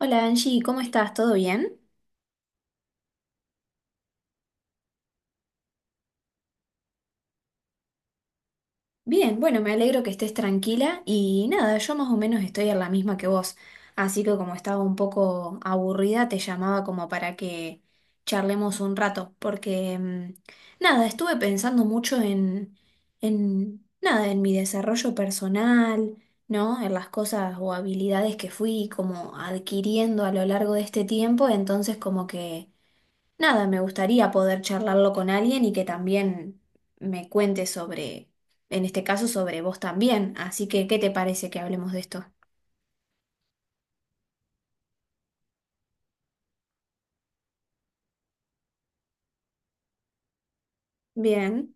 Hola Angie, ¿cómo estás? ¿Todo bien? Bien, bueno, me alegro que estés tranquila y nada, yo más o menos estoy en la misma que vos, así que como estaba un poco aburrida, te llamaba como para que charlemos un rato, porque nada, estuve pensando mucho en nada, en mi desarrollo personal, ¿no? En las cosas o habilidades que fui como adquiriendo a lo largo de este tiempo, entonces como que... Nada, me gustaría poder charlarlo con alguien y que también me cuente sobre, en este caso, sobre vos también. Así que, ¿qué te parece que hablemos de esto? Bien.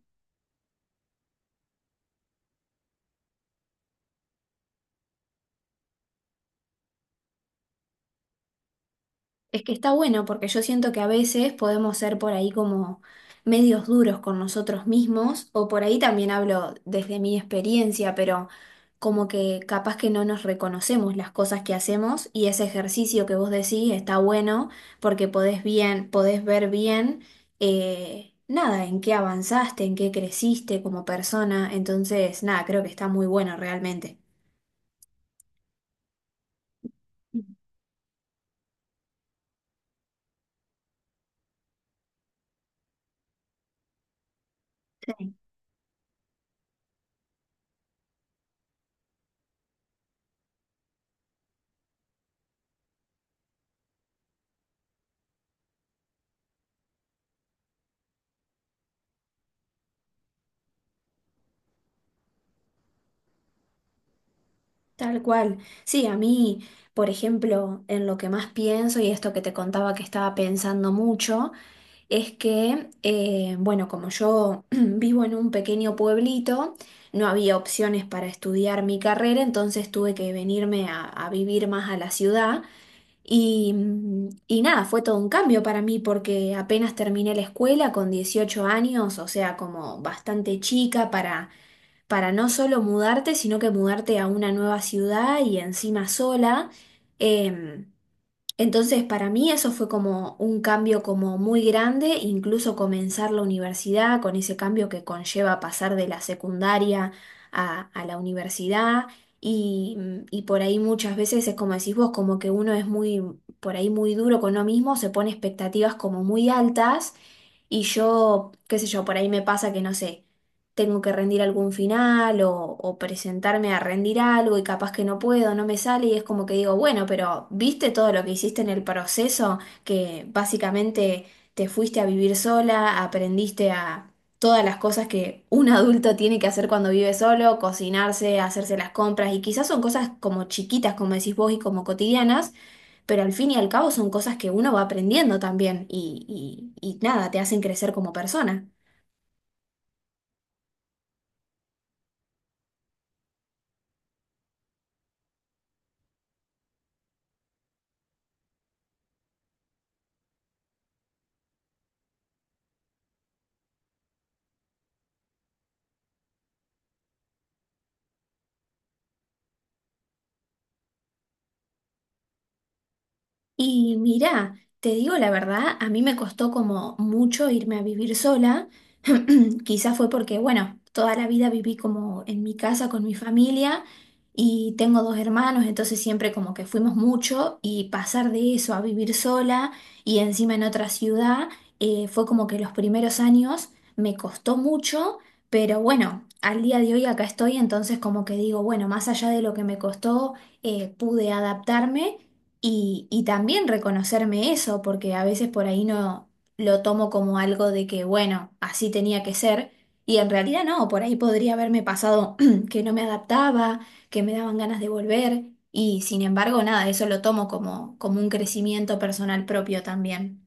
Es que está bueno porque yo siento que a veces podemos ser por ahí como medios duros con nosotros mismos, o por ahí también hablo desde mi experiencia, pero como que capaz que no nos reconocemos las cosas que hacemos y ese ejercicio que vos decís está bueno porque podés bien, podés ver bien, nada, en qué avanzaste, en qué creciste como persona, entonces nada, creo que está muy bueno realmente. Sí. Tal cual. Sí, a mí, por ejemplo, en lo que más pienso y esto que te contaba que estaba pensando mucho, es que, bueno, como yo vivo en un pequeño pueblito, no había opciones para estudiar mi carrera, entonces tuve que venirme a vivir más a la ciudad. Y nada, fue todo un cambio para mí porque apenas terminé la escuela con 18 años, o sea, como bastante chica para no solo mudarte, sino que mudarte a una nueva ciudad y encima sola. Em, entonces, para mí eso fue como un cambio como muy grande, incluso comenzar la universidad con ese cambio que conlleva pasar de la secundaria a la universidad. Y, y por ahí muchas veces es como decís vos, como que uno es muy, por ahí muy duro con uno mismo, se pone expectativas como muy altas y yo, qué sé yo, por ahí me pasa que no sé, tengo que rendir algún final o presentarme a rendir algo y capaz que no puedo, no me sale y es como que digo, bueno, pero ¿viste todo lo que hiciste en el proceso? Que básicamente te fuiste a vivir sola, aprendiste a todas las cosas que un adulto tiene que hacer cuando vive solo, cocinarse, hacerse las compras y quizás son cosas como chiquitas, como decís vos, y como cotidianas pero al fin y al cabo son cosas que uno va aprendiendo también y nada, te hacen crecer como persona. Y mira, te digo la verdad, a mí me costó como mucho irme a vivir sola. Quizás fue porque, bueno, toda la vida viví como en mi casa con mi familia y tengo dos hermanos, entonces siempre como que fuimos mucho y pasar de eso a vivir sola y encima en otra ciudad, fue como que los primeros años me costó mucho, pero bueno, al día de hoy acá estoy, entonces como que digo, bueno, más allá de lo que me costó, pude adaptarme. Y también reconocerme eso, porque a veces por ahí no lo tomo como algo de que, bueno, así tenía que ser, y en realidad no, por ahí podría haberme pasado que no me adaptaba, que me daban ganas de volver, y sin embargo, nada, eso lo tomo como, como un crecimiento personal propio también.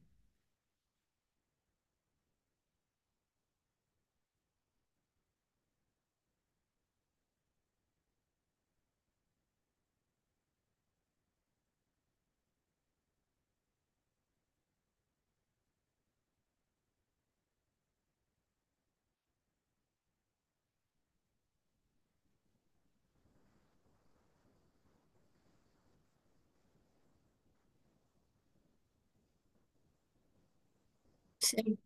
Sí.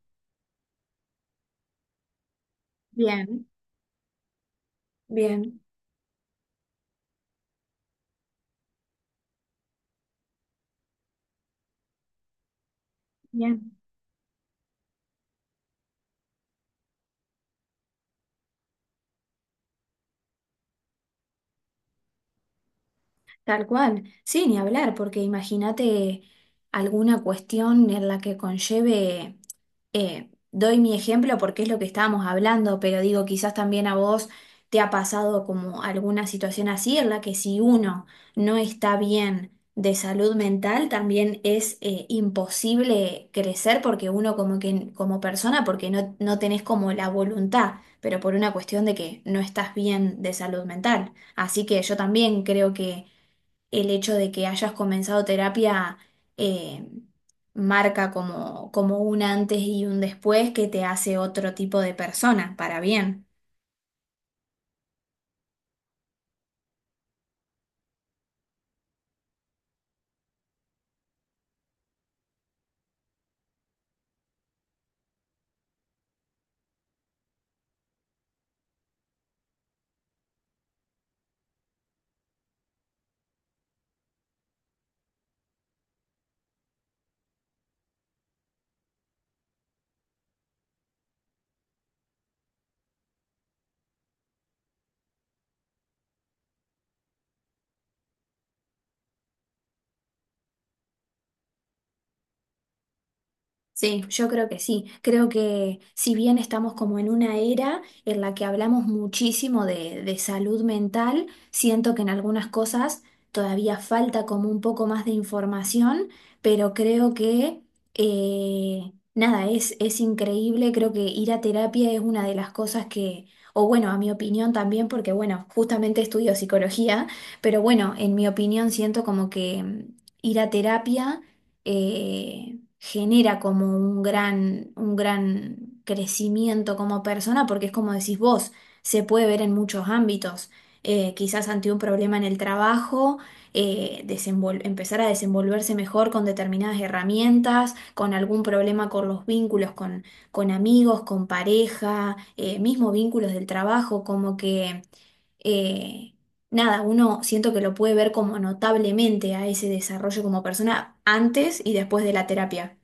Bien, bien, bien. Tal cual. Sí, ni hablar, porque imagínate alguna cuestión en la que conlleve, doy mi ejemplo porque es lo que estábamos hablando, pero digo, quizás también a vos te ha pasado como alguna situación así en la que si uno no está bien de salud mental, también es imposible crecer porque uno como que como persona, porque no, no tenés como la voluntad, pero por una cuestión de que no estás bien de salud mental. Así que yo también creo que el hecho de que hayas comenzado terapia eh, marca como, como un antes y un después que te hace otro tipo de persona, para bien. Sí, yo creo que sí. Creo que si bien estamos como en una era en la que hablamos muchísimo de salud mental, siento que en algunas cosas todavía falta como un poco más de información, pero creo que nada, es increíble. Creo que ir a terapia es una de las cosas que, o bueno, a mi opinión también, porque bueno, justamente estudio psicología, pero bueno, en mi opinión siento como que ir a terapia... eh, genera como un gran crecimiento como persona, porque es como decís vos, se puede ver en muchos ámbitos. Quizás ante un problema en el trabajo, empezar a desenvolverse mejor con determinadas herramientas, con algún problema con los vínculos, con amigos, con pareja, mismo vínculos del trabajo, como que eh, nada, uno siento que lo puede ver como notablemente a ese desarrollo como persona antes y después de la terapia.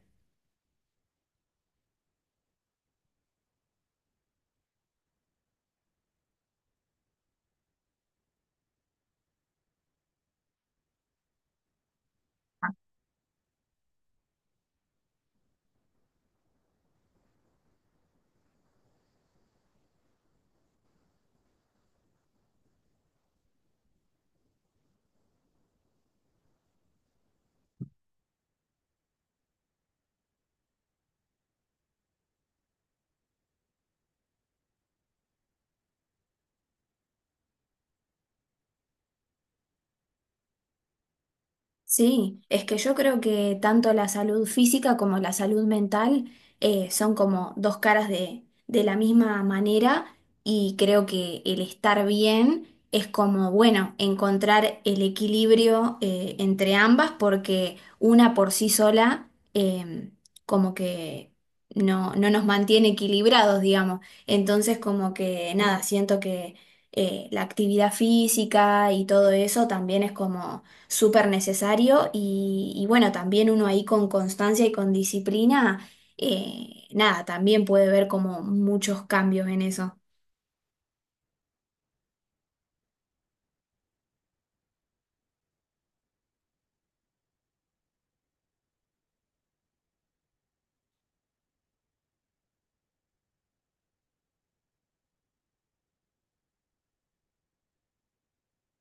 Sí, es que yo creo que tanto la salud física como la salud mental son como dos caras de la misma manera y creo que el estar bien es como, bueno, encontrar el equilibrio entre ambas porque una por sí sola como que no, no nos mantiene equilibrados, digamos. Entonces como que nada, siento que la actividad física y todo eso también es como súper necesario y bueno, también uno ahí con constancia y con disciplina, nada, también puede ver como muchos cambios en eso.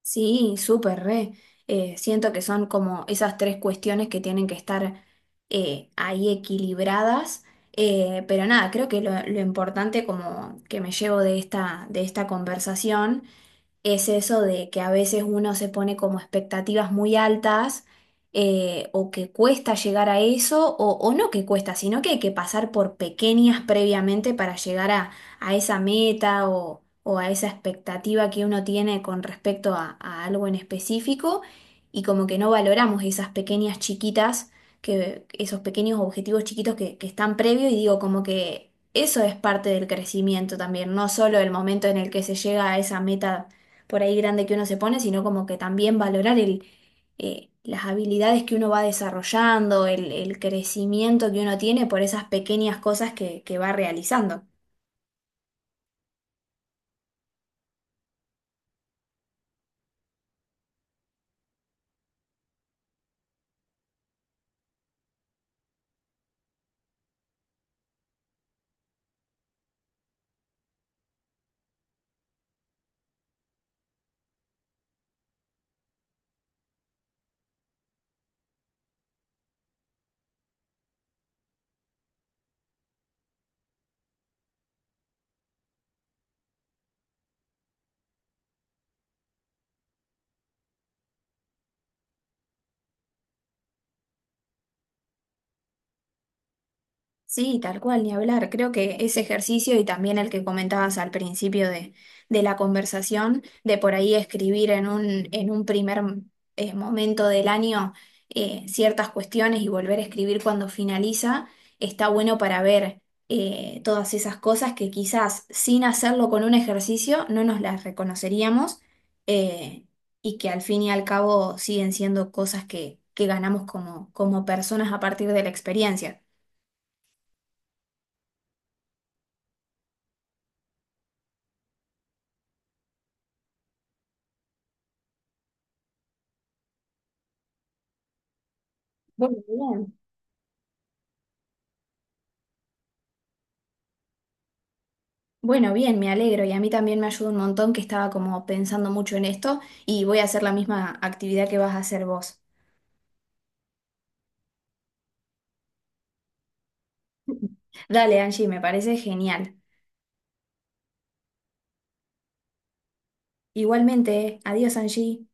Sí, súper re. Siento que son como esas tres cuestiones que tienen que estar ahí equilibradas. Pero nada, creo que lo importante como que me llevo de esta conversación es eso de que a veces uno se pone como expectativas muy altas o que cuesta llegar a eso o no que cuesta, sino que hay que pasar por pequeñas previamente para llegar a esa meta o a esa expectativa que uno tiene con respecto a algo en específico y como que no valoramos esas pequeñas chiquitas. Que esos pequeños objetivos chiquitos que están previos y digo como que eso es parte del crecimiento también, no solo el momento en el que se llega a esa meta por ahí grande que uno se pone, sino como que también valorar el, las habilidades que uno va desarrollando, el crecimiento que uno tiene por esas pequeñas cosas que va realizando. Sí, tal cual, ni hablar. Creo que ese ejercicio y también el que comentabas al principio de la conversación, de por ahí escribir en un primer momento del año ciertas cuestiones y volver a escribir cuando finaliza, está bueno para ver todas esas cosas que quizás sin hacerlo con un ejercicio no nos las reconoceríamos eh, y que al fin y al cabo siguen siendo cosas que ganamos como, como personas a partir de la experiencia. Bueno, bien. Bueno, bien, me alegro y a mí también me ayuda un montón que estaba como pensando mucho en esto y voy a hacer la misma actividad que vas a hacer vos. Dale, Angie, me parece genial. Igualmente, adiós, Angie.